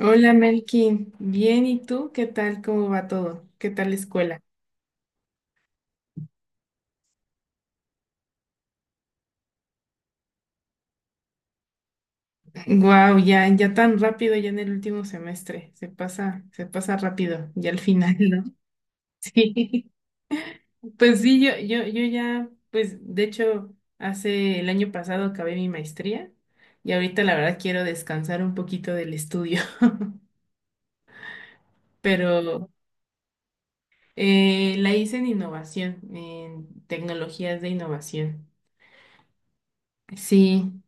Hola Melkin, bien, ¿y tú? ¿Qué tal? ¿Cómo va todo? ¿Qué tal la escuela? Wow, ya, ya tan rápido, ya en el último semestre, se pasa rápido, ya al final, ¿no? Sí, pues sí, yo ya, pues de hecho, hace el año pasado acabé mi maestría y ahorita la verdad quiero descansar un poquito del estudio, pero la hice en innovación, en tecnologías de innovación. Sí,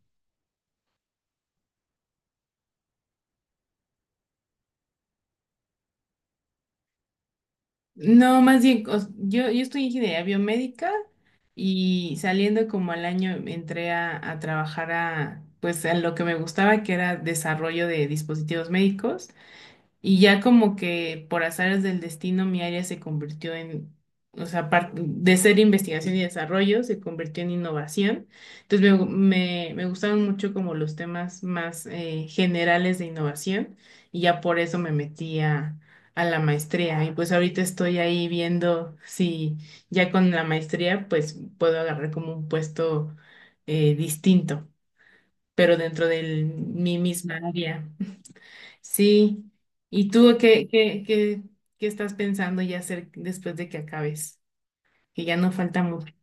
no, más bien, yo estudié ingeniería biomédica y saliendo como al año entré a trabajar a, pues, a lo que me gustaba, que era desarrollo de dispositivos médicos. Y ya como que por azares del destino mi área se convirtió en, o sea, de ser investigación y desarrollo, se convirtió en innovación. Entonces me gustaron mucho como los temas más generales de innovación y ya por eso me metí a la maestría. Y pues ahorita estoy ahí viendo si ya con la maestría pues puedo agarrar como un puesto distinto, pero dentro de mi misma área. Sí. ¿Y tú qué estás pensando ya hacer después de que acabes? Que ya no falta mucho.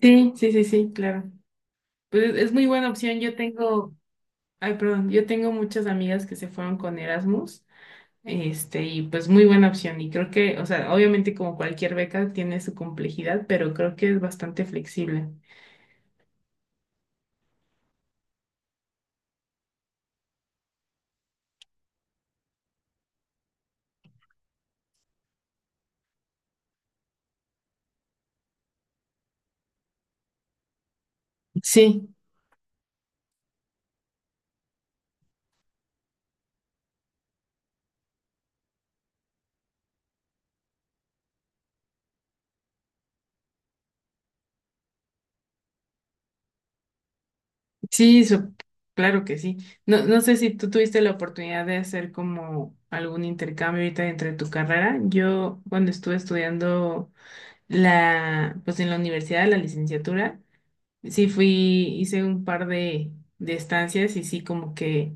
Sí, sí, sí, sí, claro. Pues es muy buena opción. Yo tengo, ay, perdón, yo tengo muchas amigas que se fueron con Erasmus, este, y pues muy buena opción. Y creo que, o sea, obviamente como cualquier beca tiene su complejidad, pero creo que es bastante flexible. Sí. Sí, sup- claro que sí. No, no sé si tú tuviste la oportunidad de hacer como algún intercambio ahorita entre tu carrera. Yo cuando estuve estudiando la, pues en la universidad, la licenciatura, sí, fui, hice un par de estancias y sí, como que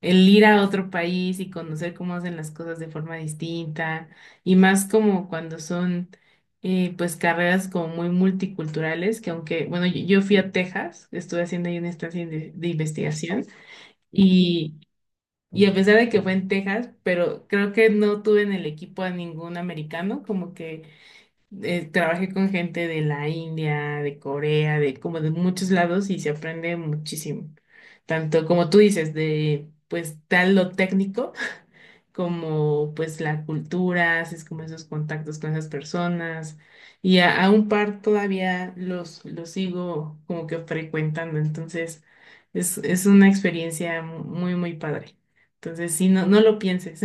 el ir a otro país y conocer cómo hacen las cosas de forma distinta y más como cuando son pues carreras como muy multiculturales, que aunque, bueno, yo fui a Texas, estuve haciendo ahí una estancia de investigación y, y a pesar de que fue en Texas, pero creo que no tuve en el equipo a ningún americano, como que trabajé con gente de la India, de Corea, de como de muchos lados y se aprende muchísimo. Tanto como tú dices, de pues tal lo técnico, como pues la cultura, haces como esos contactos con esas personas. Y a un par todavía los sigo como que frecuentando. Entonces es una experiencia muy, muy padre. Entonces, sí, no lo pienses.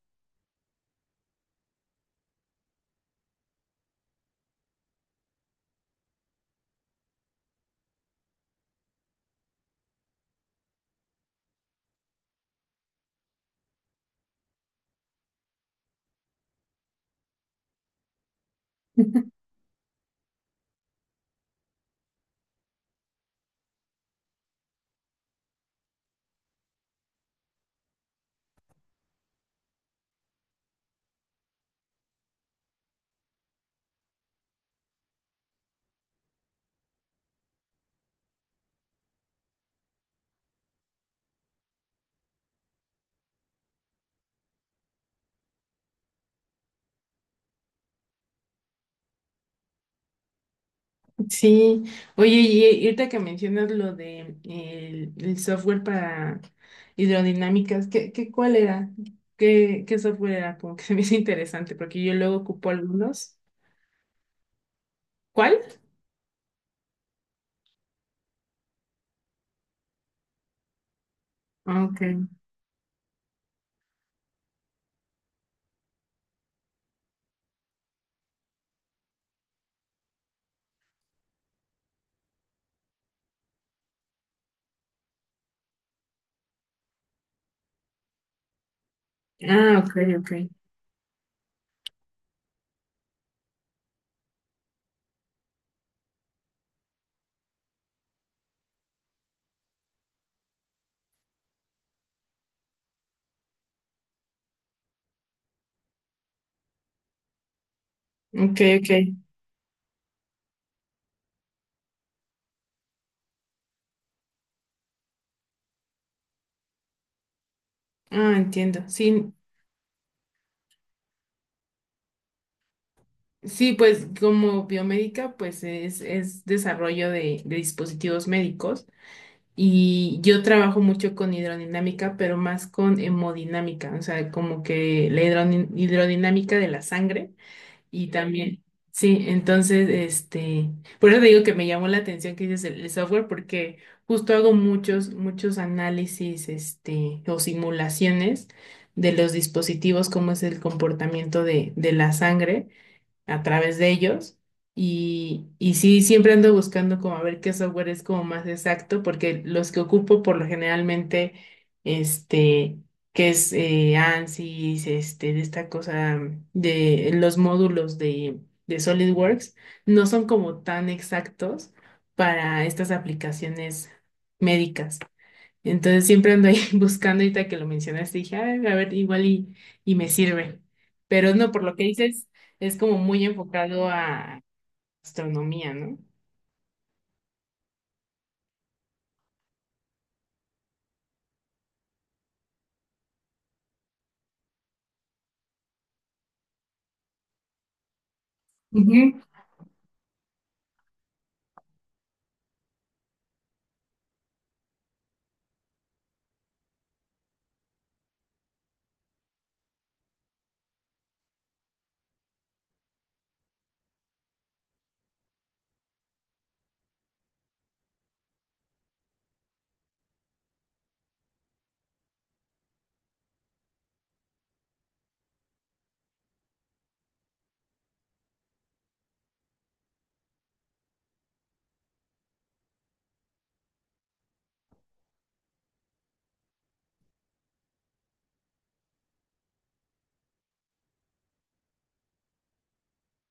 Sí, oye, y ahorita que mencionas lo de el software para hidrodinámicas, ¿qué, qué cuál era? ¿Qué, qué software era? Como que se me hizo interesante, porque yo luego ocupo algunos. ¿Cuál? Ah, ok. Ah, ok, ok. Ok, ok. Ah, entiendo. Sí, sí, pues como biomédica, pues es desarrollo de dispositivos médicos. Y yo trabajo mucho con hidrodinámica, pero más con hemodinámica, o sea, como que la hidrodinámica de la sangre y también, sí, entonces, este, por eso te digo que me llamó la atención que dices el software, porque justo hago muchos análisis, este, o simulaciones de los dispositivos, cómo es el comportamiento de la sangre a través de ellos. Y sí, siempre ando buscando como a ver qué software es como más exacto, porque los que ocupo por lo generalmente, este, que es ANSYS, este, de esta cosa de los módulos de SolidWorks, no son como tan exactos para estas aplicaciones médicas. Entonces siempre ando ahí buscando ahorita que lo mencionaste, dije, "Ay, a ver, igual y me sirve. Pero no, por lo que dices, es como muy enfocado a astronomía, ¿no? Ujú.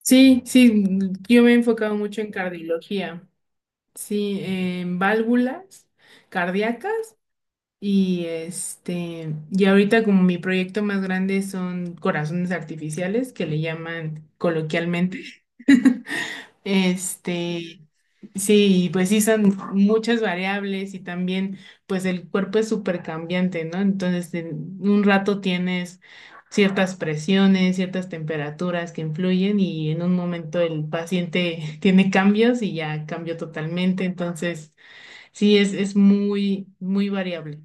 Sí, sí, mm, yo me he enfocado mucho en cardiología, sí, en válvulas cardíacas y este, y ahorita como mi proyecto más grande son corazones artificiales que le llaman coloquialmente. Este, sí, y pues sí, son muchas variables y también pues el cuerpo es súper cambiante, ¿no? Entonces, en un rato tienes ciertas presiones, ciertas temperaturas que influyen y en un momento el paciente tiene cambios y ya cambió totalmente. Entonces, sí, es muy, muy variable.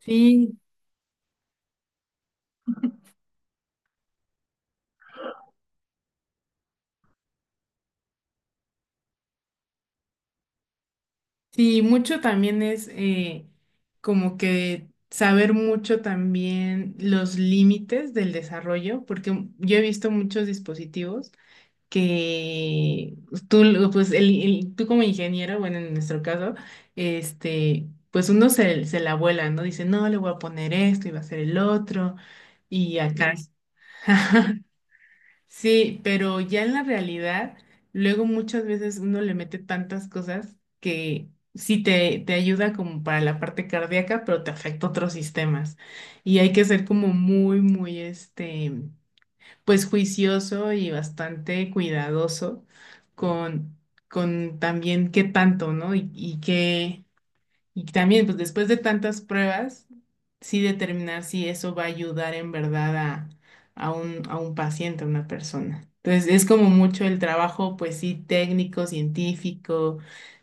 Sí, sí, mucho también es como que saber mucho también los límites del desarrollo, porque yo he visto muchos dispositivos que tú, pues tú como ingeniero, bueno, en nuestro caso, este, pues se la vuela, ¿no? Dice, no, le voy a poner esto y va a ser el otro, y acá. Sí, pero ya en la realidad, luego muchas veces uno le mete tantas cosas que sí te ayuda como para la parte cardíaca, pero te afecta otros sistemas. Y hay que ser como muy, muy, este, pues juicioso y bastante cuidadoso con, con también qué tanto, ¿no? Y qué, y también, pues después de tantas pruebas, sí determinar si eso va a ayudar en verdad a, a un paciente, a una persona. Entonces, es como mucho el trabajo, pues sí, técnico, científico,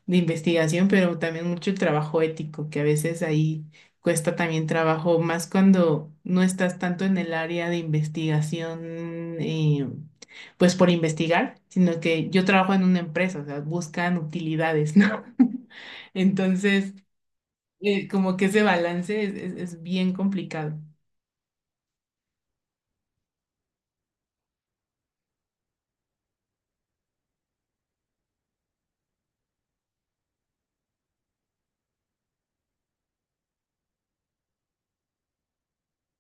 de investigación, pero también mucho el trabajo ético, que a veces ahí cuesta también trabajo, más cuando no estás tanto en el área de investigación, pues por investigar, sino que yo trabajo en una empresa, o sea, buscan utilidades, ¿no? Entonces, como que ese balance es bien complicado.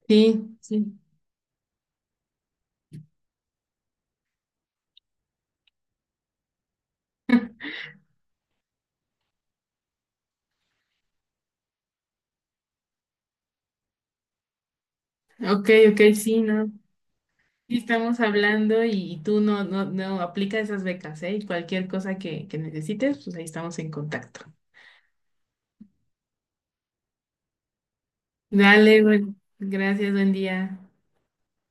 Sí, sí. Ok, ok, sí, no. Sí, estamos hablando y tú no, no aplica esas becas, ¿eh? Y cualquier cosa que necesites, pues ahí estamos en contacto. Dale, bueno, gracias, buen día.